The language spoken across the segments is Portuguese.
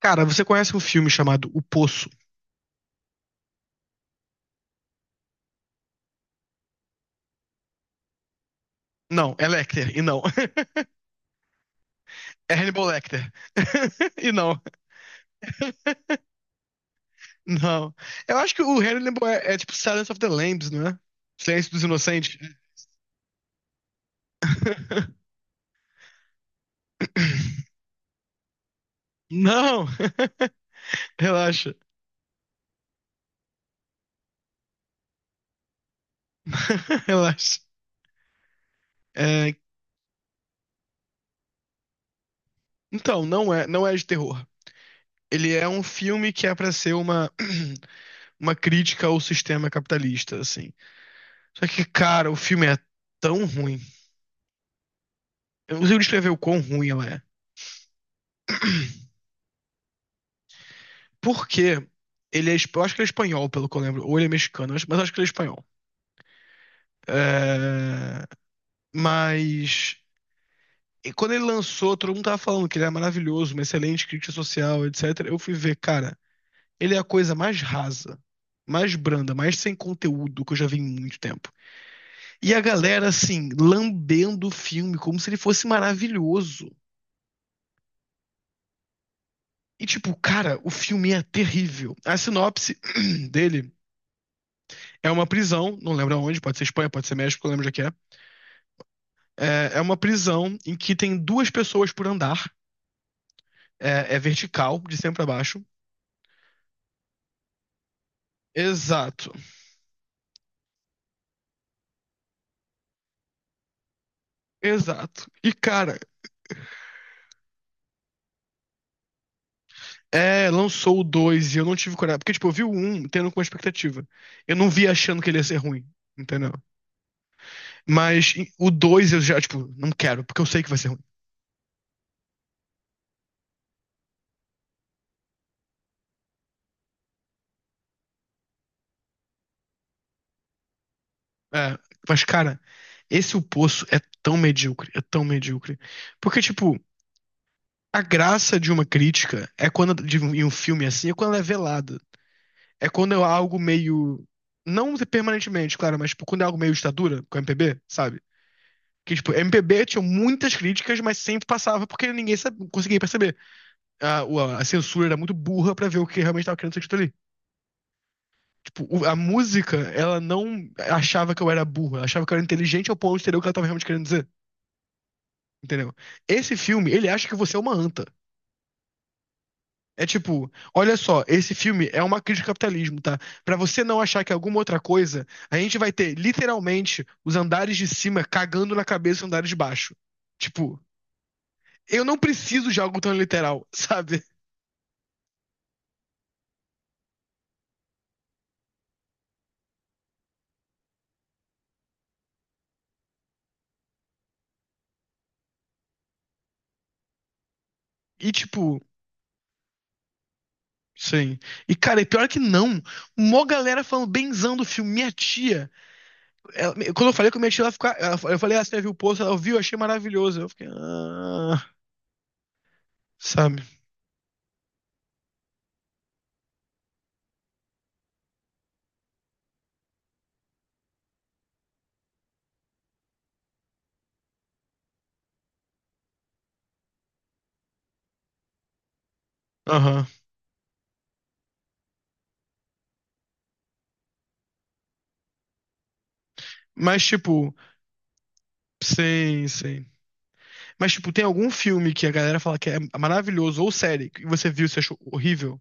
Cara, você conhece um filme chamado O Poço? Não, é Lecter, e não. É Hannibal Lecter. E não, não. Eu acho que o Hannibal é tipo Silence of the Lambs, não é? Silêncio dos Inocentes. Não! Relaxa. Relaxa. É, então, não é de terror. Ele é um filme que é pra ser uma crítica ao sistema capitalista, assim. Só que, cara, o filme é tão ruim. Eu não consigo descrever o quão ruim ela é. Porque ele é, eu acho que ele é espanhol, pelo que eu lembro, ou ele é mexicano, mas eu acho que ele é espanhol. É, mas e quando ele lançou, todo mundo tava falando que ele era maravilhoso, uma excelente crítica social, etc. Eu fui ver, cara, ele é a coisa mais rasa, mais branda, mais sem conteúdo que eu já vi em muito tempo. E a galera, assim, lambendo o filme como se ele fosse maravilhoso. E, tipo, cara, o filme é terrível. A sinopse dele é uma prisão, não lembro aonde, pode ser Espanha, pode ser México, não lembro onde é que é. É, é uma prisão em que tem duas pessoas por andar. É, é vertical, de cima pra baixo. Exato, exato. E, cara, é, lançou o dois e eu não tive coragem. Porque, tipo, eu vi o um, tendo com expectativa. Eu não vi achando que ele ia ser ruim, entendeu? Mas e, o 2 eu já, tipo, não quero, porque eu sei que vai ser ruim. É, mas, cara, esse O Poço é tão medíocre, é tão medíocre. Porque, tipo, a graça de uma crítica é quando, em um filme assim, é quando ela é velada. É quando é algo meio. Não permanentemente, claro, mas tipo, quando é algo meio ditadura, com MPB, sabe? Que, tipo, MPB tinha muitas críticas, mas sempre passava porque ninguém sabe, conseguia perceber. A censura era muito burra pra ver o que realmente tava querendo ser dito ali. Tipo, a música, ela não achava que eu era burro, ela achava que eu era inteligente ao ponto de entender o que ela tava realmente querendo dizer, entendeu? Esse filme, ele acha que você é uma anta. É tipo, olha só, esse filme é uma crítica ao capitalismo, tá? Pra você não achar que é alguma outra coisa, a gente vai ter literalmente os andares de cima cagando na cabeça dos andares de baixo. Tipo, eu não preciso de algo tão literal, sabe? E tipo, sim. E cara, e pior que não, mó galera falando benzão do filme, minha tia. Quando eu falei com minha tia, ela ficou, eu falei, ah, você já viu o post? Ela viu, achei maravilhoso. Eu fiquei, ah, sabe? Aham. Mas tipo, sim, sim. Mas, tipo, tem algum filme que a galera fala que é maravilhoso, ou série, que você viu e você achou horrível?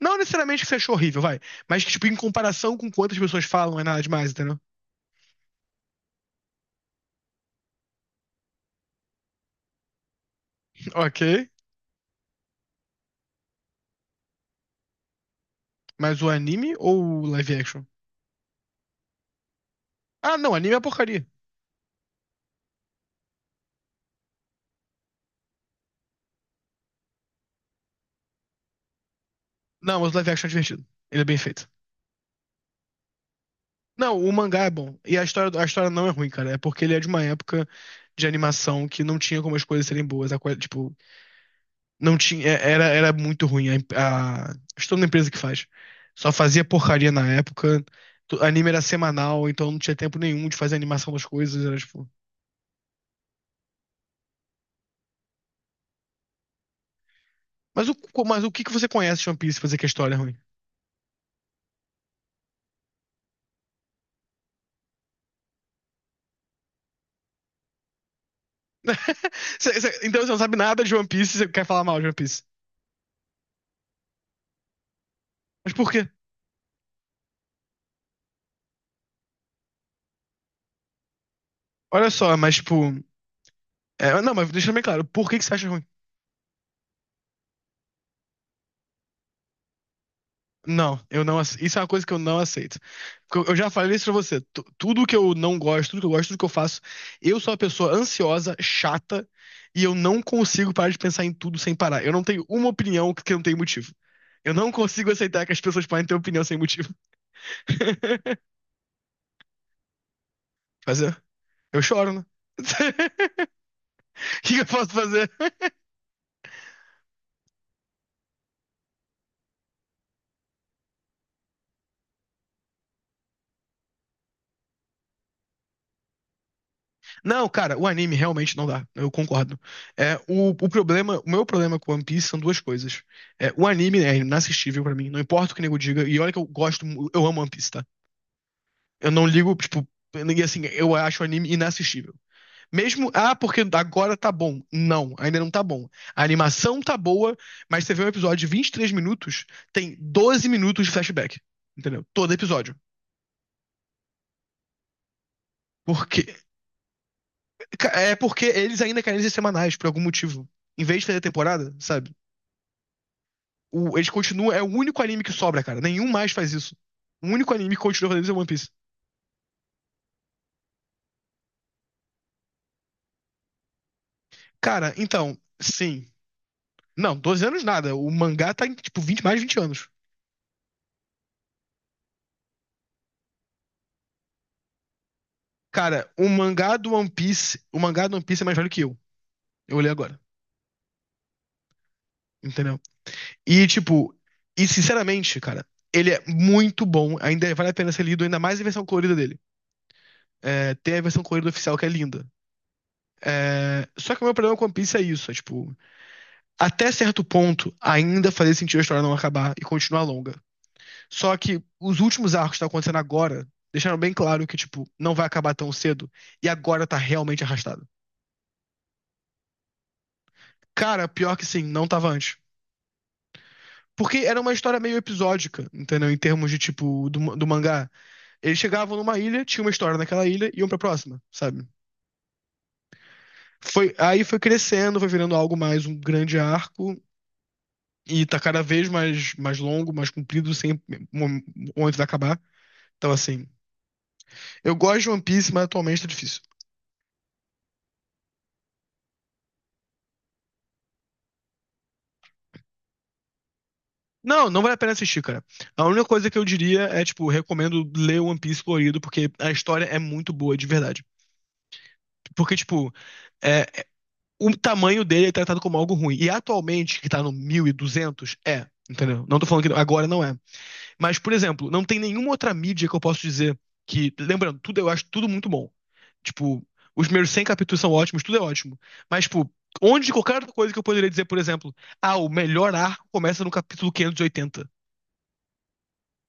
Não necessariamente que você achou horrível, vai. Mas que, tipo, em comparação com quantas pessoas falam, é nada demais, entendeu? Ok. Mas o anime ou o live action? Ah, não, anime é porcaria. Não, mas o live action é divertido. Ele é bem feito. Não, o mangá é bom. E a história não é ruim, cara. É porque ele é de uma época de animação que não tinha como as coisas serem boas. A coisa, tipo, não tinha, é, era muito ruim. Estou na empresa que faz. Só fazia porcaria na época. Anime era semanal, então não tinha tempo nenhum de fazer a animação das coisas. Era tipo. Mas o que que você conhece de One Piece pra dizer que a história é ruim? Então você não sabe nada de One Piece e você quer falar mal de One Piece. Mas por quê? Olha só, mas tipo. É, não, mas deixa bem claro, por que que você acha ruim? Não, eu não, isso é uma coisa que eu não aceito. Porque eu já falei isso pra você. Tudo que eu não gosto, tudo que eu gosto, tudo que eu faço, eu sou uma pessoa ansiosa, chata, e eu não consigo parar de pensar em tudo sem parar. Eu não tenho uma opinião que não tem motivo. Eu não consigo aceitar que as pessoas podem ter opinião sem motivo. Fazer. Eu choro, né? O que que eu posso fazer? Não, cara, o anime realmente não dá. Eu concordo. É, o problema, o meu problema com One Piece são duas coisas. É, o anime é inassistível pra mim, não importa o que o nego diga. E olha que eu gosto, eu amo One Piece, tá? Eu não ligo, tipo, e assim, eu acho o anime inassistível. Mesmo, ah, porque agora tá bom. Não, ainda não tá bom. A animação tá boa, mas você vê um episódio de 23 minutos, tem 12 minutos de flashback. Entendeu? Todo episódio. Porque, é porque eles ainda querem ser semanais, por algum motivo. Em vez de fazer temporada, sabe? Eles continuam, é o único anime que sobra, cara. Nenhum mais faz isso. O único anime que continua fazendo isso é One Piece. Cara, então, sim. Não, 12 anos nada. O mangá tá em, tipo, 20 mais de 20 anos. Cara, o mangá do One Piece, o mangá do One Piece é mais velho que eu. Eu olhei agora, entendeu? E, tipo, e sinceramente, cara, ele é muito bom. Ainda vale a pena ser lido, ainda mais a versão colorida dele. É, tem a versão colorida oficial que é linda. É, só que o meu problema com One Piece é isso, é tipo, até certo ponto, ainda fazia sentido a história não acabar e continuar longa. Só que os últimos arcos que estão acontecendo agora deixaram bem claro que, tipo, não vai acabar tão cedo e agora tá realmente arrastado. Cara, pior que sim, não tava antes. Porque era uma história meio episódica, entendeu? Em termos de, tipo, do, do mangá. Eles chegavam numa ilha, tinha uma história naquela ilha e iam pra próxima, sabe? Foi, aí foi crescendo, foi virando algo mais um grande arco e tá cada vez mais, mais longo, mais comprido, sem mo- momento de acabar. Então, assim, eu gosto de One Piece, mas atualmente tá difícil. Não, não vale a pena assistir, cara. A única coisa que eu diria é, tipo, recomendo ler One Piece colorido, porque a história é muito boa, de verdade. Porque, tipo, é, o tamanho dele é tratado como algo ruim. E atualmente, que tá no 1.200 é, entendeu? Não tô falando que agora não é. Mas, por exemplo, não tem nenhuma outra mídia que eu posso dizer que. Lembrando, tudo eu acho tudo muito bom. Tipo, os primeiros 100 capítulos são ótimos, tudo é ótimo. Mas, tipo, onde qualquer outra coisa que eu poderia dizer, por exemplo, ah, o melhor arco começa no capítulo 580,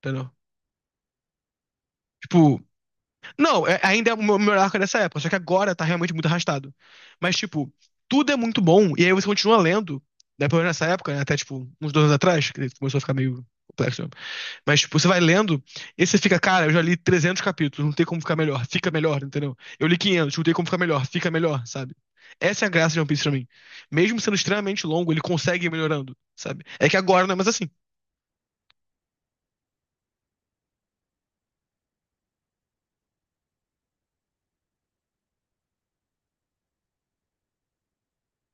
entendeu? Tipo, não, ainda é o meu melhor arco dessa época, só que agora tá realmente muito arrastado. Mas, tipo, tudo é muito bom, e aí você continua lendo, né, pelo menos nessa época, né, até, tipo, uns dois anos atrás, que começou a ficar meio complexo. Mas, tipo, você vai lendo e você fica, cara, eu já li 300 capítulos, não tem como ficar melhor, fica melhor, entendeu? Eu li 500 não tem como ficar melhor, fica melhor, sabe? Essa é a graça de One Piece pra mim. Mesmo sendo extremamente longo, ele consegue ir melhorando, sabe? É que agora não é mais assim.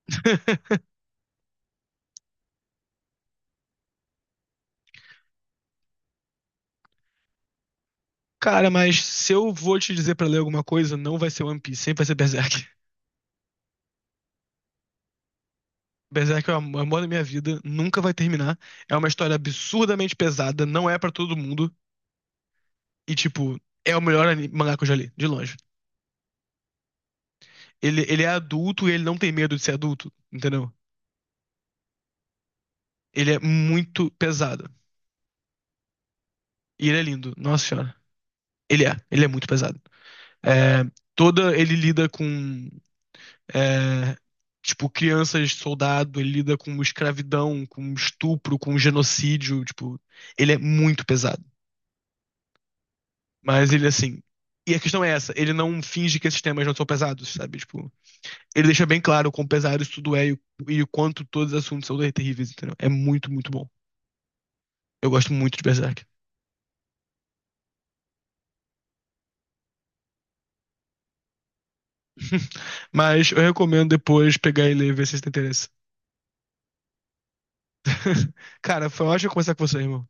Cara, mas se eu vou te dizer pra ler alguma coisa, não vai ser One Piece, sempre vai ser Berserk. Berserk é o amor da minha vida, nunca vai terminar. É uma história absurdamente pesada, não é pra todo mundo. E, tipo, é o melhor mangá que eu já li, de longe. Ele é adulto e ele não tem medo de ser adulto, entendeu? Ele é muito pesado. E ele é lindo, nossa senhora. Ele é muito pesado. É, ele lida com, é, tipo, crianças soldado, ele lida com escravidão, com estupro, com genocídio, tipo, ele é muito pesado. Mas ele, assim, e a questão é essa, ele não finge que esses temas não são pesados, sabe? Tipo, ele deixa bem claro o quão pesado isso tudo é e, e o quanto todos os assuntos são terríveis, entendeu? É muito, muito bom. Eu gosto muito de Berserk. Mas eu recomendo depois pegar e ler, ver se você tem interesse. Cara, foi ótimo conversar com você, irmão.